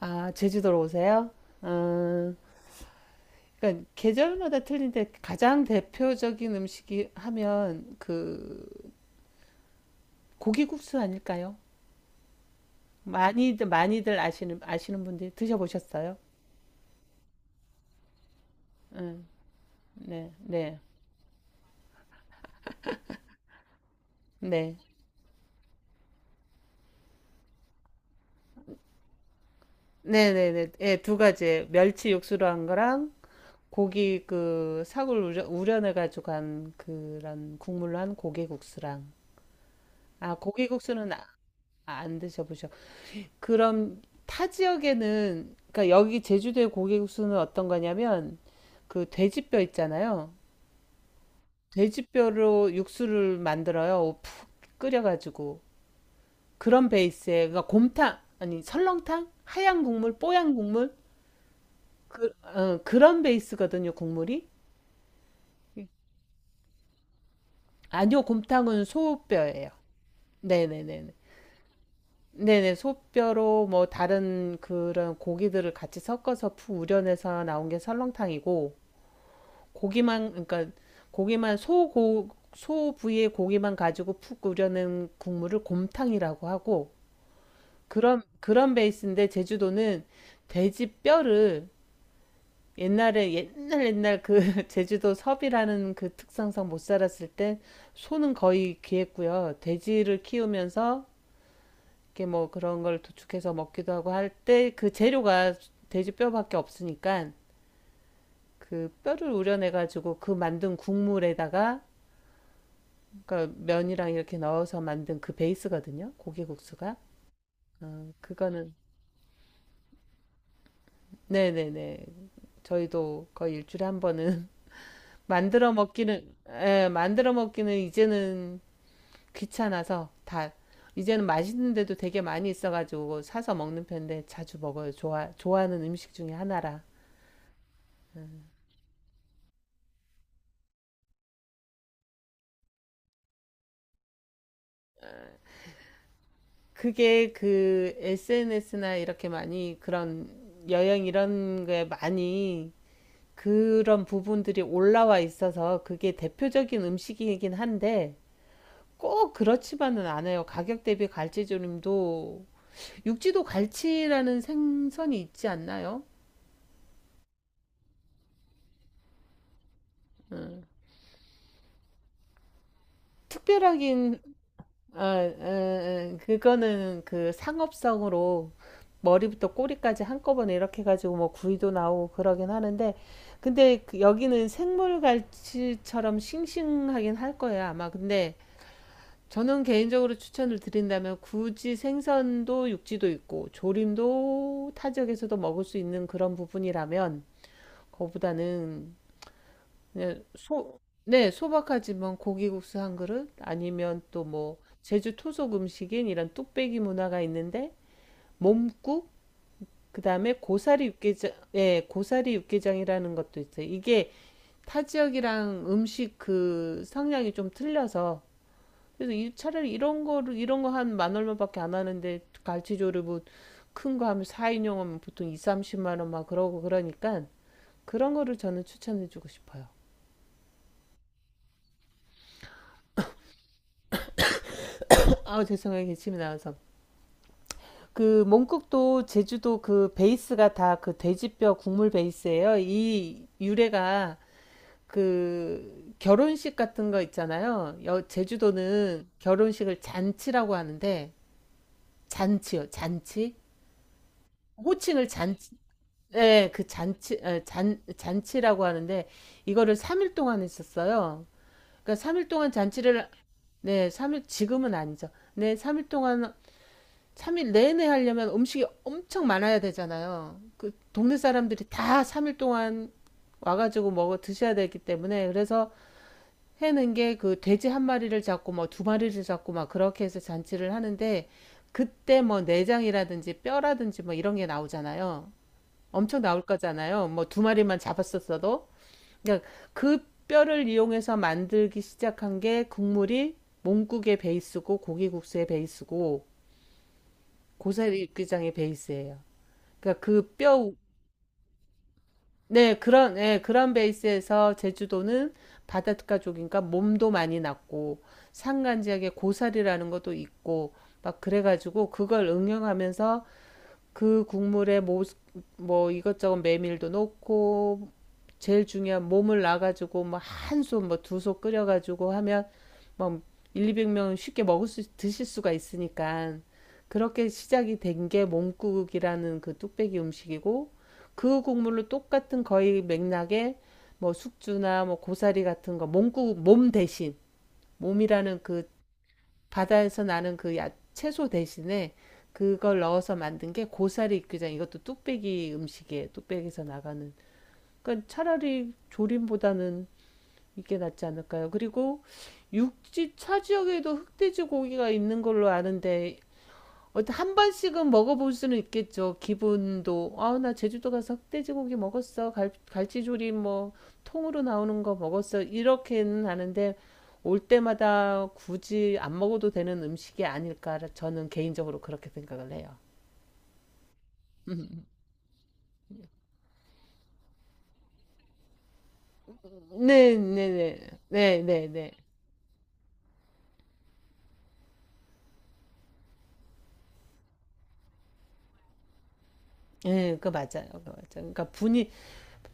아, 제주도로 오세요? 아, 그러니까 계절마다 틀린데 가장 대표적인 음식이 하면 그 고기국수 아닐까요? 많이들 아시는 분들 드셔보셨어요? 응, 네, 네, 네, 네, 네, 네, 예, 두 가지 멸치 육수로 한 거랑 고기 그 사골 우려내 가지고 한 그런 국물로 한 고기국수랑 아 고기국수는 안 드셔보셨. 그럼 타 지역에는 그러니까 여기 제주도의 고기 육수는 어떤 거냐면 그 돼지뼈 있잖아요. 돼지뼈로 육수를 만들어요. 푹 끓여가지고 그런 베이스에 그러니까 곰탕 아니 설렁탕 하얀 국물 뽀얀 국물 그, 그런 베이스거든요 국물이. 아니요 곰탕은 소뼈예요. 네네네. 네네 소뼈로 뭐 다른 그런 고기들을 같이 섞어서 푹 우려내서 나온 게 설렁탕이고 고기만 그러니까 고기만 소고 소 부위의 고기만 가지고 푹 우려낸 국물을 곰탕이라고 하고 그런 베이스인데 제주도는 돼지 뼈를 옛날에 옛날 그 제주도 섭이라는 그 특성상 못 살았을 때 소는 거의 귀했고요. 돼지를 키우면서 이렇게 뭐 그런 걸 도축해서 먹기도 하고 할 때 그 재료가 돼지 뼈밖에 없으니까 그 뼈를 우려내 가지고 그 만든 국물에다가 그러니까 면이랑 이렇게 넣어서 만든 그 베이스거든요. 고기국수가. 어, 그거는 네네네. 저희도 거의 일주일에 한 번은 만들어 먹기는 예, 만들어 먹기는 이제는 귀찮아서 다 이제는 맛있는 데도 되게 많이 있어가지고 사서 먹는 편인데 자주 먹어요. 좋아하는 음식 중에 하나라. 음. 그게 그 SNS나 이렇게 많이 그런 여행 이런 거에 많이 그런 부분들이 올라와 있어서 그게 대표적인 음식이긴 한데 꼭 그렇지만은 않아요. 가격 대비 갈치조림도 육지도 갈치라는 생선이 있지 않나요? 음. 특별하긴 아, 그거는 그 상업성으로 머리부터 꼬리까지 한꺼번에 이렇게 가지고 뭐 구이도 나오고 그러긴 하는데 근데 그 여기는 생물 갈치처럼 싱싱하긴 할 거예요 아마 근데 저는 개인적으로 추천을 드린다면 굳이 생선도 육지도 있고 조림도 타 지역에서도 먹을 수 있는 그런 부분이라면 거보다는 그냥 소, 네, 소박하지만 고기국수 한 그릇 아니면 또 뭐 제주 토속 음식인 이런 뚝배기 문화가 있는데 몸국 그다음에 고사리 육개장 예, 고사리 육개장이라는 것도 있어요. 이게 타 지역이랑 음식 그 성향이 좀 틀려서 그래서 이 차라리 이런 거 한 만 얼마밖에 안 하는데 갈치조를 뭐큰 거 하면 4인용 하면 보통 2, 30만 원 막 그러고 그러니까 그런 거를 저는 추천해 주고 싶어요. 아, 죄송해요. 기침이 나와서. 그 몽국도 제주도 그 베이스가 다 그 돼지뼈 국물 베이스예요. 이 유래가 그 결혼식 같은 거 있잖아요. 여, 제주도는 결혼식을 잔치라고 하는데 잔치요. 잔치. 호칭을 잔치 예, 그 잔치, 에, 잔치라고 하는데, 이거를 3일 동안 했었어요. 그러니까 3일 동안 잔치를, 네, 삼일 지금은 아니죠. 네, 3일 동안, 3일 내내 하려면 음식이 엄청 많아야 되잖아요. 그 동네 사람들이 다 3일 동안 와가지고 먹어 드셔야 되기 때문에, 그래서 해는 게 그 돼지 한 마리를 잡고 뭐 두 마리를 잡고 막 그렇게 해서 잔치를 하는데, 그때 뭐 내장이라든지 뼈라든지 뭐 이런 게 나오잖아요. 엄청 나올 거잖아요. 뭐 두 마리만 잡았었어도. 그러니까 그 뼈를 이용해서 만들기 시작한 게 국물이 몽국의 베이스고 고기국수의 베이스고 고사리 육개장의 베이스예요. 그러니까 그 뼈, 네, 그런, 네, 그런 베이스에서 제주도는 바닷가족인가 몸도 많이 났고 산간 지역에 고사리라는 것도 있고 막 그래가지고 그걸 응용하면서 그 국물에 뭐, 뭐 이것저것 메밀도 넣고 제일 중요한 몸을 놔가지고 뭐 한 솥, 뭐 두 솥 끓여가지고 하면 뭐 1, 200명은 쉽게 먹을 수 드실 수가 있으니까 그렇게 시작이 된 게 몸국이라는 그 뚝배기 음식이고 그 국물로 똑같은 거의 맥락에 뭐 숙주나 뭐 고사리 같은 거 몸국 몸 대신 몸이라는 그 바다에서 나는 그 채소 대신에 그걸 넣어서 만든 게 고사리 육개장 이것도 뚝배기 음식이에요. 뚝배기에서 나가는 그러니까 차라리 조림보다는 이게 낫지 않을까요? 그리고 육지 차 지역에도 흑돼지 고기가 있는 걸로 아는데 어한 번씩은 먹어볼 수는 있겠죠. 기분도 아 나 제주도 가서 흑돼지 고기 먹었어. 갈치조림 뭐 통으로 나오는 거 먹었어. 이렇게는 아는데 올 때마다 굳이 안 먹어도 되는 음식이 아닐까 저는 개인적으로 그렇게 생각을 해요. 네, 네, 네, 네, 네, 네. 예, 그 맞아요. 그 맞아요. 그러니까 분이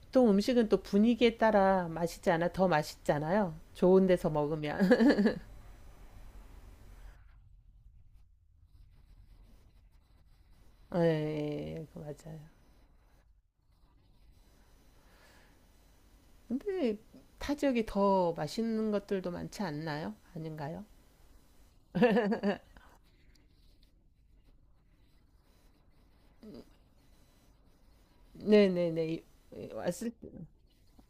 보통 음식은 또 분위기에 따라 맛있지 않아 더 맛있잖아요. 좋은 데서 먹으면. 예, 그 맞아요. 근데 타 지역이 더 맛있는 것들도 많지 않나요? 아닌가요? 네네네. 왔을,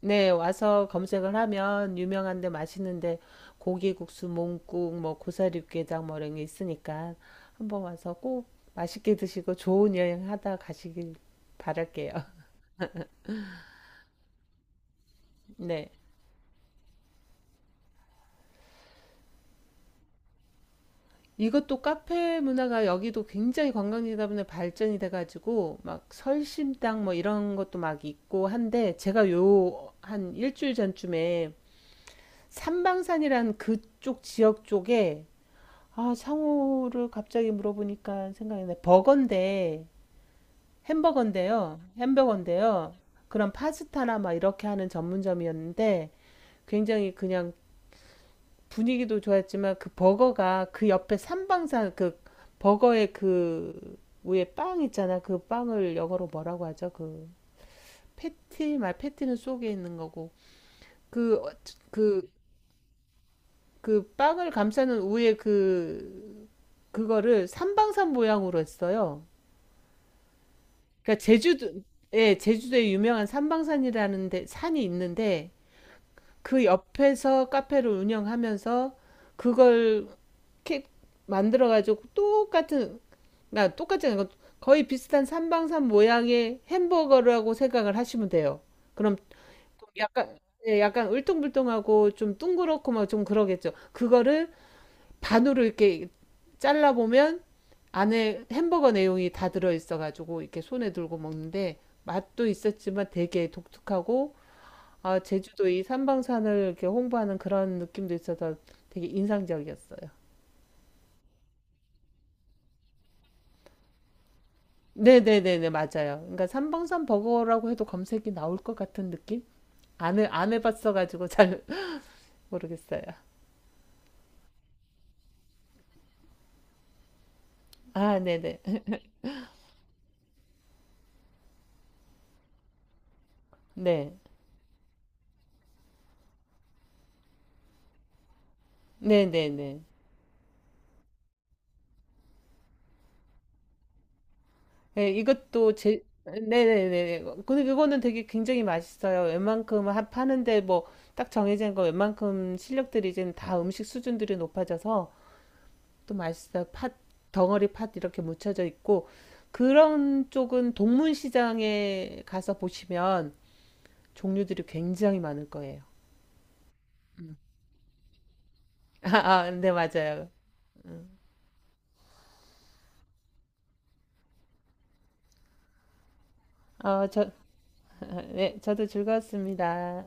네, 와서 검색을 하면 유명한데 맛있는데 고기국수, 몽국, 뭐 고사리육개장 뭐 이런 게 있으니까 한번 와서 꼭 맛있게 드시고 좋은 여행 하다 가시길 바랄게요. 네. 이것도 카페 문화가 여기도 굉장히 관광지다 보니 발전이 돼가지고 막 설심당 뭐 이런 것도 막 있고 한데 제가 요 한 일주일 전쯤에 삼방산이란 그쪽 지역 쪽에 아 상호를 갑자기 물어보니까 생각이 나 버거인데 햄버거인데요 그런 파스타나 막 이렇게 하는 전문점이었는데 굉장히 그냥 분위기도 좋았지만 그 버거가 그 옆에 삼방산 그 버거의 그 위에 빵 있잖아. 그 빵을 영어로 뭐라고 하죠? 그 패티는 속에 있는 거고 그 그그 그 그 빵을 감싸는 우에 그 그거를 삼방산 모양으로 했어요. 그러니까 제주도 예, 제주도에 유명한 삼방산이라는 데 산이 있는데 그 옆에서 카페를 운영하면서 그걸 이렇게 만들어가지고 똑같은, 그러니까 똑같은 거 거의 비슷한 삼방산 모양의 햄버거라고 생각을 하시면 돼요. 그럼 약간, 예, 약간 울퉁불퉁하고 좀 둥그렇고 막 좀 그러겠죠. 그거를 반으로 이렇게 잘라보면 안에 햄버거 내용이 다 들어있어가지고 이렇게 손에 들고 먹는데 맛도 있었지만 되게 독특하고 아, 제주도 이 삼방산을 이렇게 홍보하는 그런 느낌도 있어서 되게 인상적이었어요. 네네네네 맞아요. 그러니까 삼방산 버거라고 해도 검색이 나올 것 같은 느낌? 안 해봤어가지고 잘 모르겠어요. 아 네네 네 네네네 네, 이것도 제 네네네 근데 그거는 되게 굉장히 맛있어요. 웬만큼 파는데 뭐 딱 정해진 거 웬만큼 실력들이 이제 다 음식 수준들이 높아져서 또 맛있어요. 팥 덩어리 팥 이렇게 묻혀져 있고 그런 쪽은 동문시장에 가서 보시면 종류들이 굉장히 많을 거예요. 아, 아, 네, 맞아요. 어, 저, 네, 저도 즐거웠습니다.